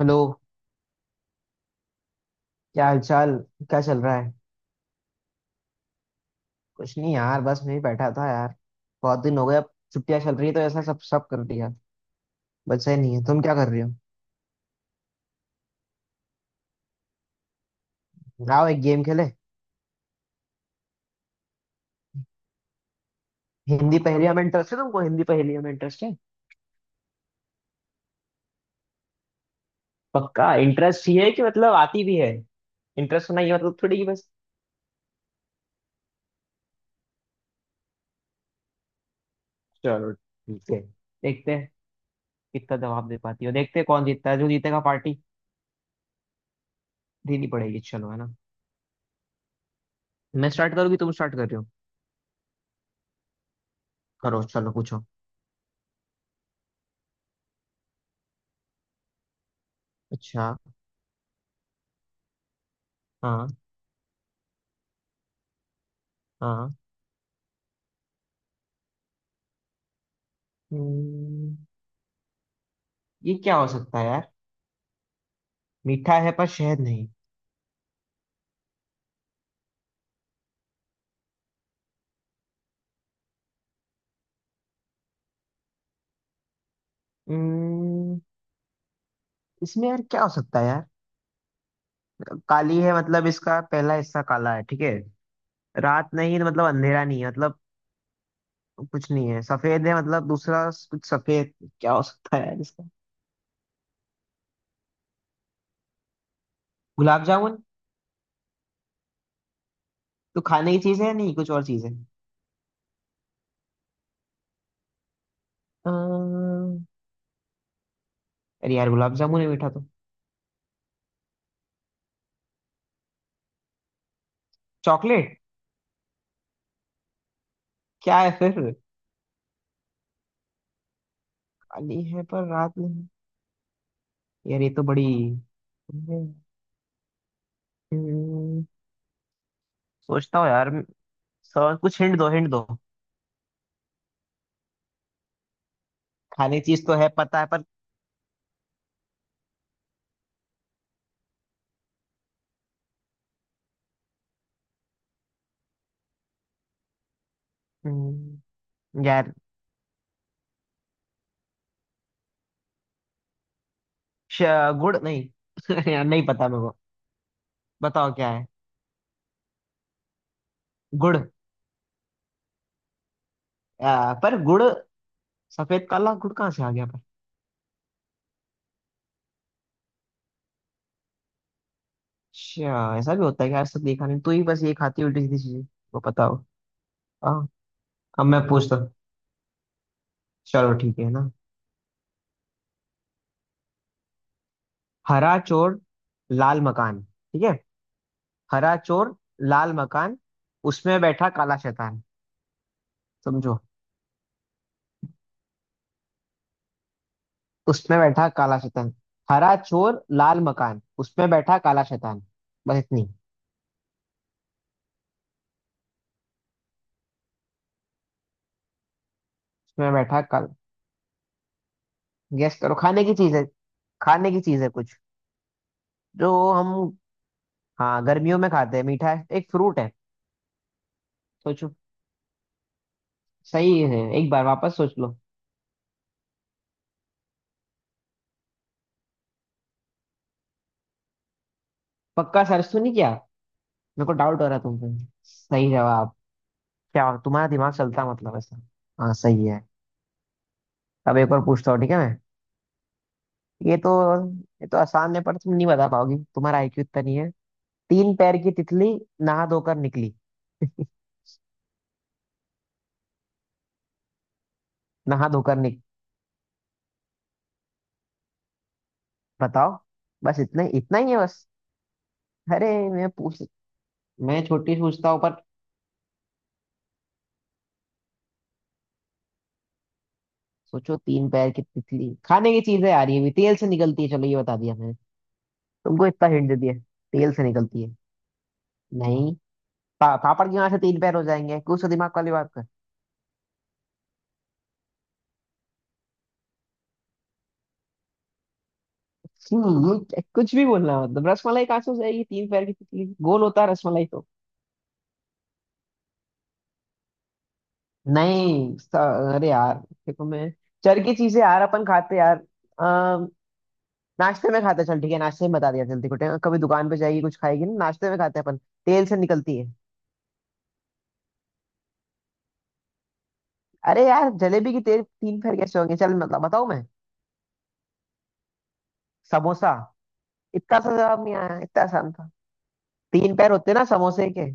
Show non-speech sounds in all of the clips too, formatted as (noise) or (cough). Hello. क्या हालचाल? क्या चल रहा है? कुछ नहीं यार, बस मैं ही बैठा था यार। बहुत दिन हो गए, अब छुट्टियां चल रही है तो ऐसा सब सब कर दिया। बचा ही नहीं है। तुम क्या कर रहे हो? आओ, एक गेम खेले। हिंदी पहेलियां में इंटरेस्ट है तुमको? हिंदी पहेलियां में इंटरेस्ट है? पक्का इंटरेस्ट? ये है कि मतलब आती भी है? इंटरेस्ट होना ये मतलब थोड़ी कि बस। चलो ठीक है, देखते हैं। कितना जवाब दे पाती हो देखते हैं, कौन जीतता है, जो जीतेगा पार्टी देनी पड़ेगी। चलो है ना। मैं स्टार्ट करूँ कि तुम स्टार्ट कर रहे हो? करो, चलो पूछो। अच्छा। हाँ हाँ। हम्म, ये क्या हो सकता है यार? मीठा है पर शहद नहीं। हम्म, इसमें यार क्या हो सकता है यार? काली है मतलब, इसका पहला हिस्सा काला है ठीक है। रात नहीं तो मतलब अंधेरा नहीं है मतलब। कुछ नहीं है, सफेद है मतलब दूसरा कुछ सफेद। क्या हो सकता है यार इसका? गुलाब जामुन। तो खाने की चीज है नहीं? कुछ और चीज है? अम्म, अरे यार गुलाब जामुन है, मीठा तो। चॉकलेट। क्या है फिर? काली है पर रात नहीं। यार ये तो बड़ी। हम्म, सोचता हूँ यार। सर कुछ हिंट दो, हिंट दो। खाने की चीज तो है पता है, पर। हम्म, यार श, गुड़ नहीं। (laughs) यार नहीं पता मेरे को। बताओ क्या है। गुड़। पर गुड़। सफेद काला गुड़ कहाँ से आ गया पर? अच्छा, ऐसा भी होता है कि आज तक देखा नहीं, तू ही बस ये खाती उल्टी सीधी चीजें। वो पता हो। हाँ। अब मैं पूछता हूँ। चलो ठीक है ना। हरा चोर लाल मकान, ठीक है। हरा चोर लाल मकान उसमें बैठा काला शैतान। समझो। उसमें बैठा काला शैतान। हरा चोर लाल मकान उसमें बैठा काला शैतान। बस इतनी। उसमें बैठा काल। गेस करो, खाने की चीज है। खाने की चीज है कुछ। जो हम। हाँ, गर्मियों में खाते हैं, मीठा है, एक फ्रूट है। सोचो। सही है, एक बार वापस सोच लो। पक्का सर्च तो नहीं किया? मेरे को डाउट हो रहा है तुम पे। सही जवाब। क्या तुम्हारा दिमाग चलता मतलब ऐसा? हाँ सही है। अब एक और पूछता हूँ, ठीक है मैं? ये तो। ये तो आसान है पर तुम नहीं बता पाओगी, तुम्हारा आईक्यू इतना नहीं है। तीन पैर की तितली, नहा धोकर निकली। नहा धोकर निक। बताओ। बस इतना इतना ही है बस। अरे मैं पूछ। मैं छोटी पूछता हूँ पर। सोचो, तीन पैर की तितली, खाने की चीज है यार, ये भी तेल से निकलती है, चलो ये बता दिया मैंने। तुमको इतना हिंट दे दिया। तेल से निकलती है। नहीं। पापड़ की वहां से तीन पैर हो जाएंगे? कुछ तो दिमाग वाली बात कर। कुछ भी बोलना मतलब, रसमलाई कहाँ से हो जाएगी? तीन पैर की तितली, गोल होता है रसमलाई तो। नहीं, अरे यार। देखो मैं। चर की चीजें यार, अपन खाते यार। नाश्ते में खाते हैं, चल ठीक है, नाश्ते में बता दिया जल्दी को कभी दुकान पे जाएगी कुछ खाएगी ना, नाश्ते में खाते हैं अपन। तेल से निकलती है। अरे यार जलेबी की तेल तीन पैर कैसे होंगे? चल मतलब बताऊं मैं? समोसा। इतना सा जवाब नहीं आया, इतना आसान था। तीन पैर होते ना समोसे के।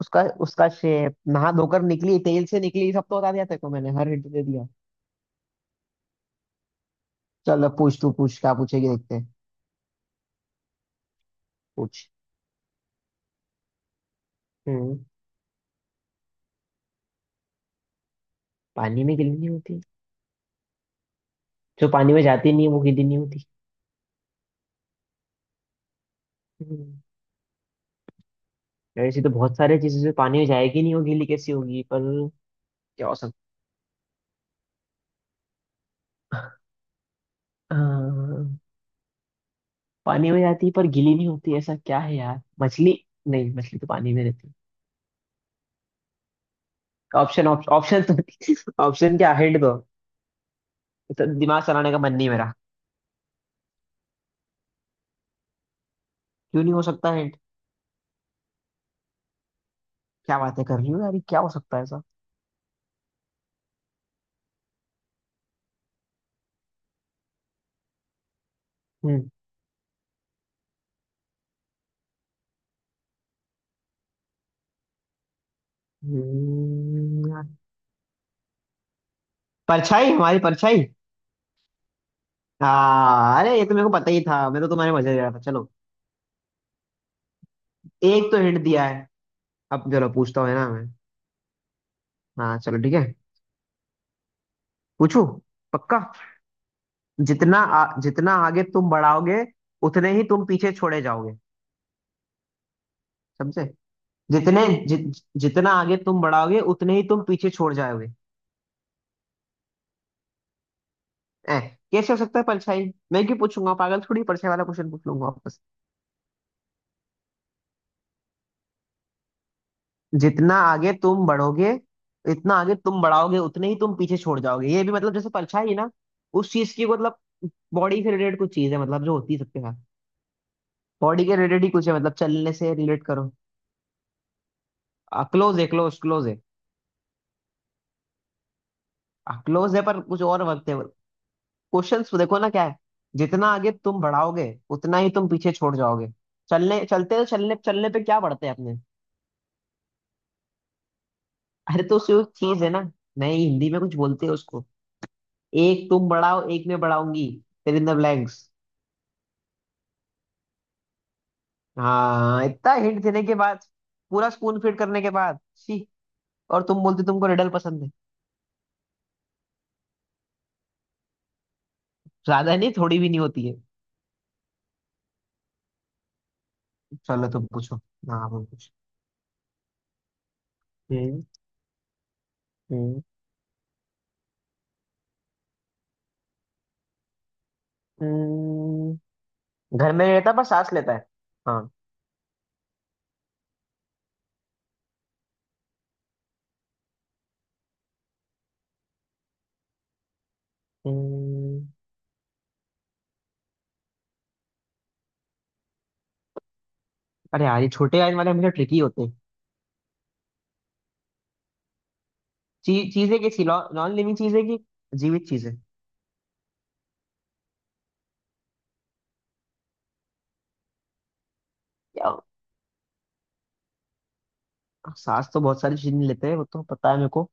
उसका। उसका शेप, नहा धोकर निकली, तेल से निकली, सब तो बता दिया तेरे को मैंने, हर हिंट दे दिया। चल अब पूछ, तू पूछ, क्या पूछेगी देखते हैं। पूछ। हम्म। पानी में गिली नहीं होती। जो पानी में जाती नहीं है वो गीली नहीं होती। हम्म, ऐसी तो बहुत सारी चीजें जो पानी में जाएगी नहीं, वो गीली कैसी होगी पर? क्या हो। अ, पानी में जाती है पर गीली नहीं होती? ऐसा क्या है यार? मछली? नहीं मछली तो पानी में रहती है, ऑप्शन ऑप्शन तो। (laughs) ऑप्शन क्या, हिंट दो। तो दिमाग चलाने का मन नहीं मेरा। क्यों नहीं हो सकता हिंट? क्या बातें कर रही हो यार? ये क्या हो सकता है ऐसा? हम्म। हम्म, परछाई, हमारी परछाई। हाँ, अरे ये तो मेरे को पता ही था, मैं तो तुम्हारे मजे ले रहा था, चलो। एक तो हिंट दिया है। अब चलो पूछता हूँ है ना मैं। हाँ चलो ठीक है। पूछू। पक्का। जितना आगे तुम बढ़ाओगे उतने ही तुम पीछे छोड़े जाओगे। समझे? जितने जि, जितना आगे तुम बढ़ाओगे उतने ही तुम पीछे छोड़ जाओगे। ए, कैसे हो सकता है परछाई? मैं क्यों पूछूंगा, पागल थोड़ी परछाई वाला क्वेश्चन पूछ लूंगा वापस। जितना आगे तुम बढ़ोगे। इतना आगे तुम बढ़ाओगे उतने ही तुम पीछे छोड़ जाओगे, ये भी मतलब जैसे परछाई है ना। उस चीज की मतलब। बॉडी से रिलेटेड कुछ चीज है, मतलब जो होती है सबके साथ। बॉडी के रिलेटेड ही कुछ है, मतलब चलने से रिलेट करो। क्लोज है, क्लोज क्लोज है। क्लोज है पर कुछ और वक्त है। क्वेश्चंस देखो ना क्या है। जितना आगे तुम बढ़ाओगे उतना ही तुम पीछे छोड़ जाओगे। चलने चलते तो चलने चलने पे क्या बढ़ते हैं अपने? अरे तो सिर्फ चीज है ना। नहीं, हिंदी में कुछ बोलते हैं उसको। एक तुम बढ़ाओ, एक मैं बढ़ाऊंगी। फिर इन द ब्लैंक्स। हाँ, इतना हिंट देने के बाद। पूरा स्पून फीड करने के बाद छी। और तुम बोलते तुमको रिडल पसंद है। ज्यादा नहीं, थोड़ी भी नहीं होती है। चलो तुम पूछो। हाँ तुम पूछो। हम्म। हम्म। हम्म। घर में नहीं रहता पर सांस लेता है? हाँ। हम्म अरे यार ये छोटे आयन वाले हमेशा ट्रिकी होते हैं। चीजें कैसी, नॉन लिविंग चीजें की? जीवित चीजें क्या? सांस तो बहुत सारी चीजें लेते हैं वो तो पता है मेरे को।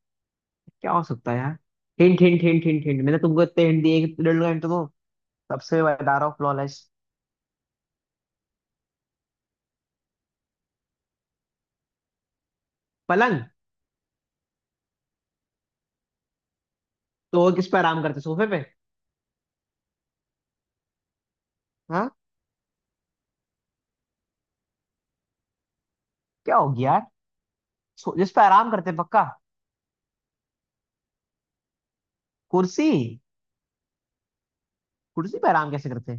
क्या हो सकता है यार? Hint hint hint hint hint, मैंने तुमको इतने हिंट दिए कि तुम हिंट दो। सबसे बता ऑफ फ्लॉलेस। पलंग। तो वो किस पे आराम करते? सोफे पे? हाँ। क्या हो गया यार? जिस पे आराम करते पक्का? कुर्सी। कुर्सी पे आराम कैसे करते?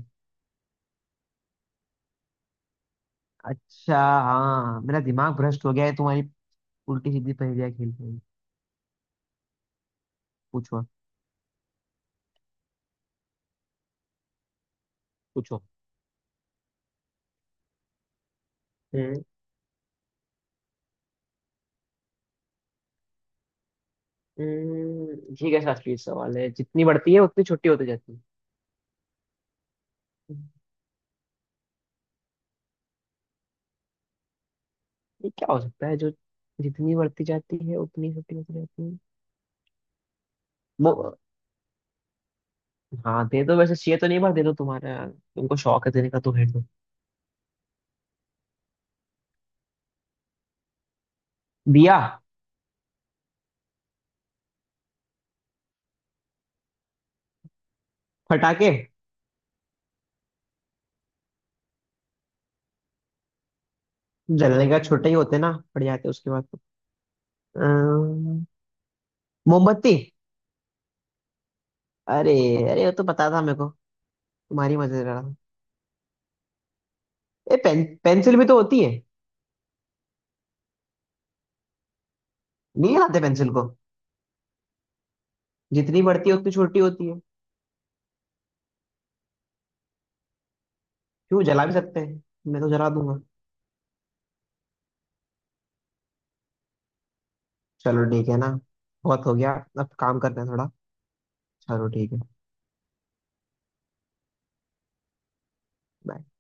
अच्छा। हाँ, मेरा दिमाग भ्रष्ट हो गया है तुम्हारी। उल्टी सीधी पहेलियां खेल खेल। पूछो। पूछो। ठीक है, शास्त्रीय सवाल है, जितनी बढ़ती है उतनी छोटी होती जाती है। हम्म, ये क्या हो सकता है जो। जितनी बढ़ती जाती है उतनी छोटी होती जाती है। वो। हाँ दे दो, वैसे चाहिए तो नहीं पर दे दो, तुम्हारा तुमको शौक है देने का तो दे दो। दिया। फटाके। जलने का छोटे ही होते ना, पड़ जाते उसके बाद तो। अम्म, मोमबत्ती। अरे। अरे वो तो पता था मेरे को। तुम्हारी मजे ले रहा था। ए पेन पेंसिल भी तो होती है। नहीं आते पेंसिल को। जितनी बढ़ती है उतनी छोटी होती है। क्यों, जला भी सकते हैं। मैं तो जला दूंगा। चलो ठीक है ना। बहुत हो गया। अब काम करते हैं थोड़ा। चलो ठीक है। bye.